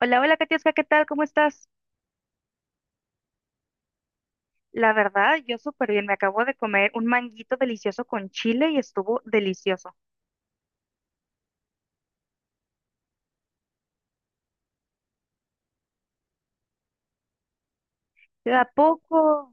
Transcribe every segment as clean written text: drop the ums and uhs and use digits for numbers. Hola, hola, Katiuska, ¿qué tal? ¿Cómo estás? La verdad, yo súper bien. Me acabo de comer un manguito delicioso con chile y estuvo delicioso. ¿De a poco?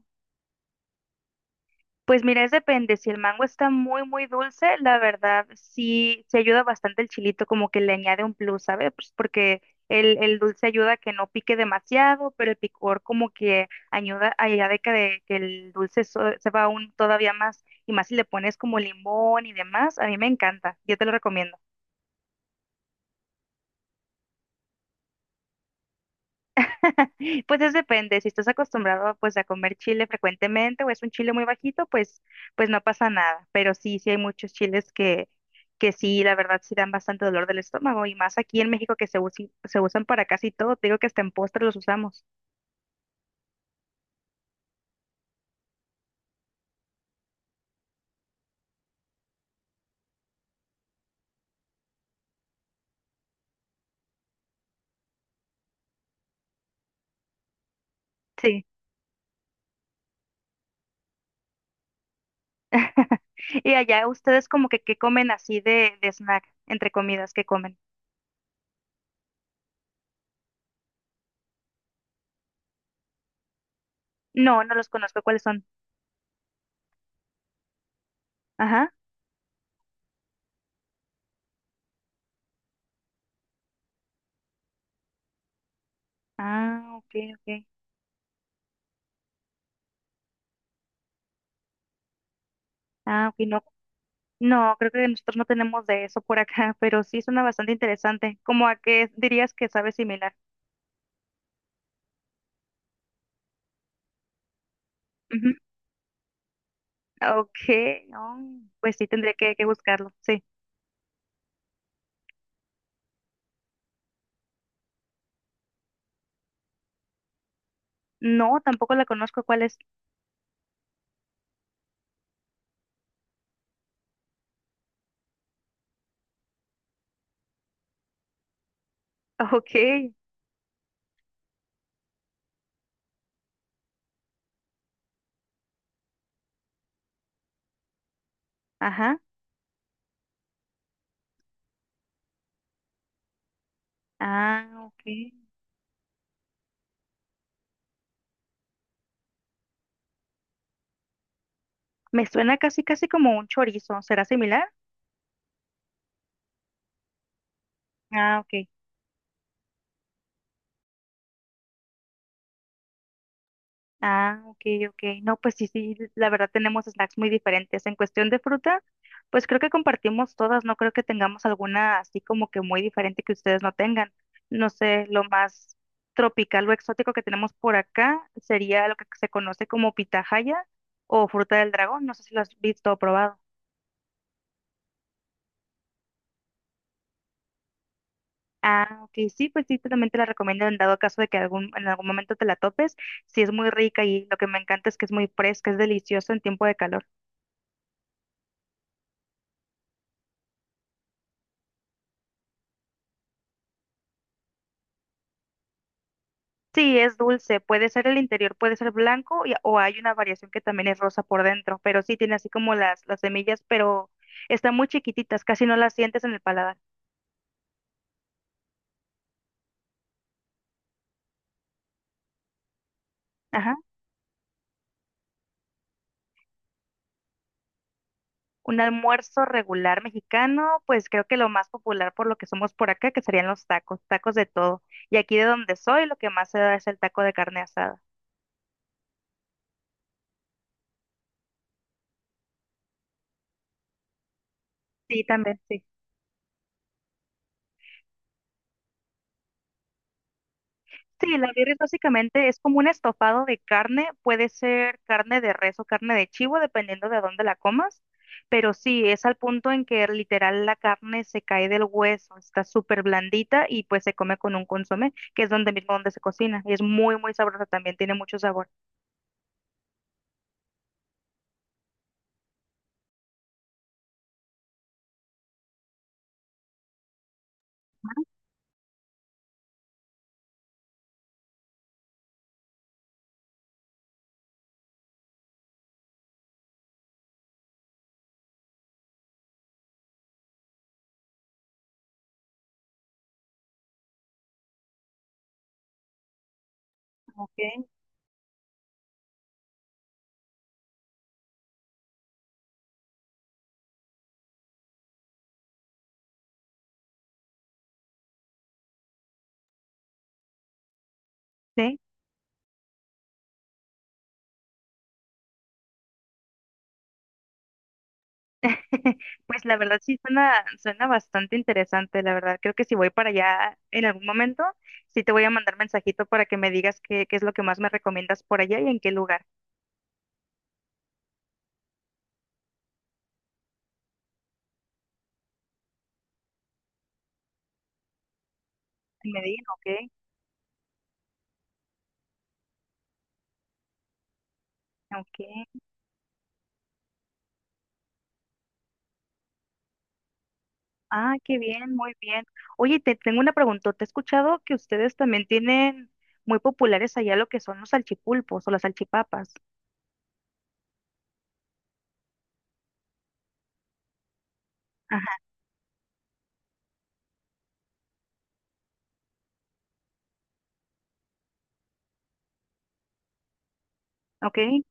Pues mira, es depende. Si el mango está muy, muy dulce, la verdad sí, se ayuda bastante el chilito, como que le añade un plus, ¿sabes? Pues porque el dulce ayuda a que no pique demasiado, pero el picor como que ayuda, ayuda de que el dulce se va aún todavía más. Y más si le pones como limón y demás, a mí me encanta. Yo te lo recomiendo. Pues es depende, si estás acostumbrado pues a comer chile frecuentemente o es un chile muy bajito, pues no pasa nada, pero sí, sí hay muchos chiles que sí, la verdad sí dan bastante dolor del estómago y más aquí en México que se se usan para casi todo, te digo que hasta en postres los usamos. Sí. Y allá ustedes como que qué comen así de snack, entre comidas que comen. No, no los conozco, ¿cuáles son? Ajá. Ah, ok, ok. Ah, ok, no. No, creo que nosotros no tenemos de eso por acá, pero sí suena bastante interesante. ¿Cómo a qué dirías que sabe similar? Ujú. Ah, ok, oh, pues sí, tendré que buscarlo, sí. No, tampoco la conozco, ¿cuál es? Ok, ajá, ah, ok. Me suena casi, casi como un chorizo, ¿será similar? Ah, ok. Ah, ok, ok. No, pues sí, sí, la verdad tenemos snacks muy diferentes. En cuestión de fruta, pues creo que compartimos todas, no creo que tengamos alguna así como que muy diferente que ustedes no tengan. No sé, lo más tropical o exótico que tenemos por acá sería lo que se conoce como pitahaya o fruta del dragón, no sé si lo has visto o probado. Ah, ok, sí, pues sí, también te la recomiendo en dado caso de que algún, en algún momento te la topes. Sí, es muy rica y lo que me encanta es que es muy fresca, es delicioso en tiempo de calor. Sí, es dulce, puede ser el interior, puede ser blanco o hay una variación que también es rosa por dentro, pero sí tiene así como las semillas, pero están muy chiquititas, casi no las sientes en el paladar. Ajá. Un almuerzo regular mexicano, pues creo que lo más popular por lo que somos por acá, que serían los tacos, tacos de todo. Y aquí de donde soy, lo que más se da es el taco de carne asada. Sí, también, sí. Sí, la birria básicamente es como un estofado de carne, puede ser carne de res o carne de chivo, dependiendo de dónde la comas, pero sí, es al punto en que literal la carne se cae del hueso, está súper blandita y pues se come con un consomé, que es donde mismo donde se cocina, y es muy, muy sabrosa también, tiene mucho sabor. Ok. Sí, pues la verdad sí suena, suena bastante interesante, la verdad, creo que si voy para allá en algún momento, sí te voy a mandar mensajito para que me digas qué, qué es lo que más me recomiendas por allá y en qué lugar. En Medellín, ok, ok. Ah, qué bien, muy bien. Oye, te tengo una pregunta. ¿Te he escuchado que ustedes también tienen muy populares allá lo que son los salchipulpos o las salchipapas? Ajá, ok. Uy,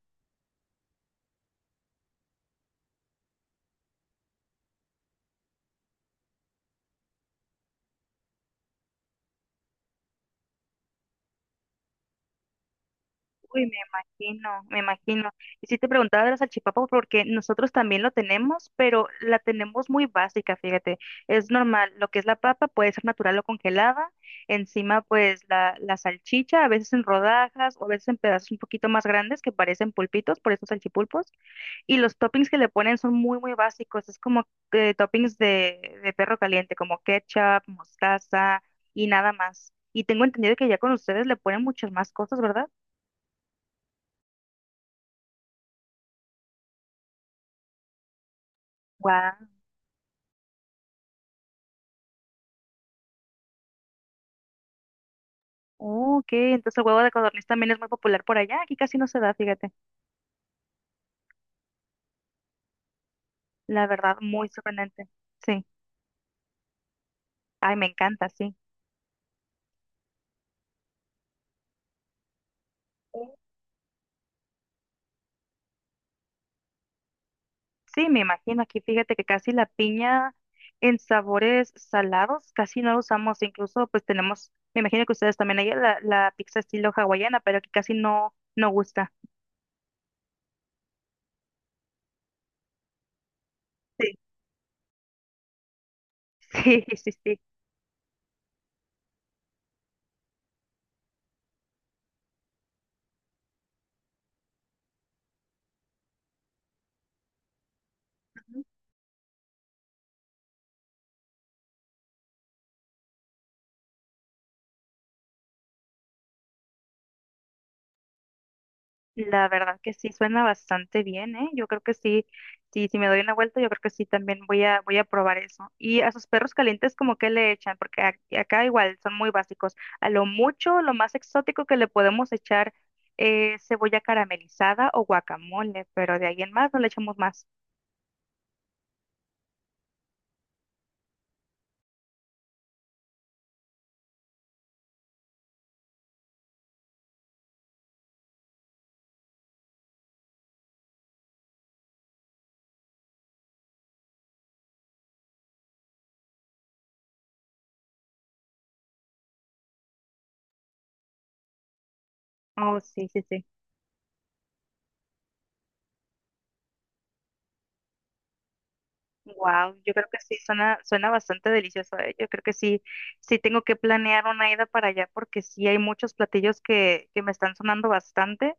me imagino, me imagino. Y sí te preguntaba de la salchipapa porque nosotros también lo tenemos, pero la tenemos muy básica, fíjate. Es normal, lo que es la papa puede ser natural o congelada. Encima, pues la salchicha, a veces en rodajas o a veces en pedazos un poquito más grandes que parecen pulpitos, por eso salchipulpos. Y los toppings que le ponen son muy, muy básicos. Es como toppings de perro caliente, como ketchup, mostaza y nada más. Y tengo entendido que ya con ustedes le ponen muchas más cosas, ¿verdad? Guau. Oh, ok, entonces el huevo de codorniz también es muy popular por allá. Aquí casi no se da, fíjate. La verdad, muy sorprendente. Sí. Ay, me encanta, sí. Sí, me imagino. Aquí fíjate que casi la piña en sabores salados casi no la usamos. Incluso, pues tenemos, me imagino que ustedes también hay la pizza estilo hawaiana, pero que casi no, no gusta. Sí. Sí, sí, sí. La verdad que sí suena bastante bien, ¿eh? Yo creo que sí, sí, si me doy una vuelta, yo creo que sí también voy a, voy a probar eso. Y a sus perros calientes, ¿como que le echan? Porque acá igual son muy básicos. A lo mucho, lo más exótico que le podemos echar es cebolla caramelizada o guacamole, pero de ahí en más no le echamos más. Oh, sí, sí, sí. Wow, yo creo que sí, suena, suena bastante delicioso, ¿eh? Yo creo que sí, sí tengo que planear una ida para allá porque sí hay muchos platillos que me están sonando bastante,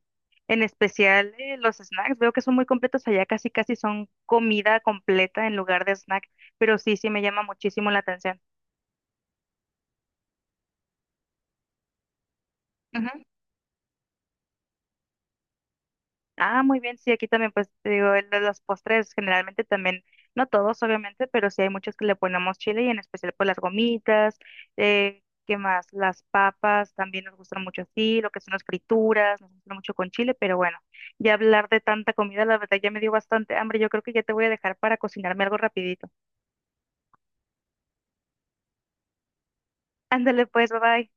en especial los snacks, veo que son muy completos allá, casi casi son comida completa en lugar de snack, pero sí, sí me llama muchísimo la atención. Ah, muy bien, sí, aquí también, pues te digo, el de los postres generalmente también, no todos obviamente, pero sí hay muchos que le ponemos chile y en especial pues las gomitas, ¿qué más? Las papas también nos gustan mucho así, lo que son las frituras, nos gusta mucho con chile, pero bueno, ya hablar de tanta comida, la verdad ya me dio bastante hambre, yo creo que ya te voy a dejar para cocinarme algo rapidito. Ándale pues, bye bye.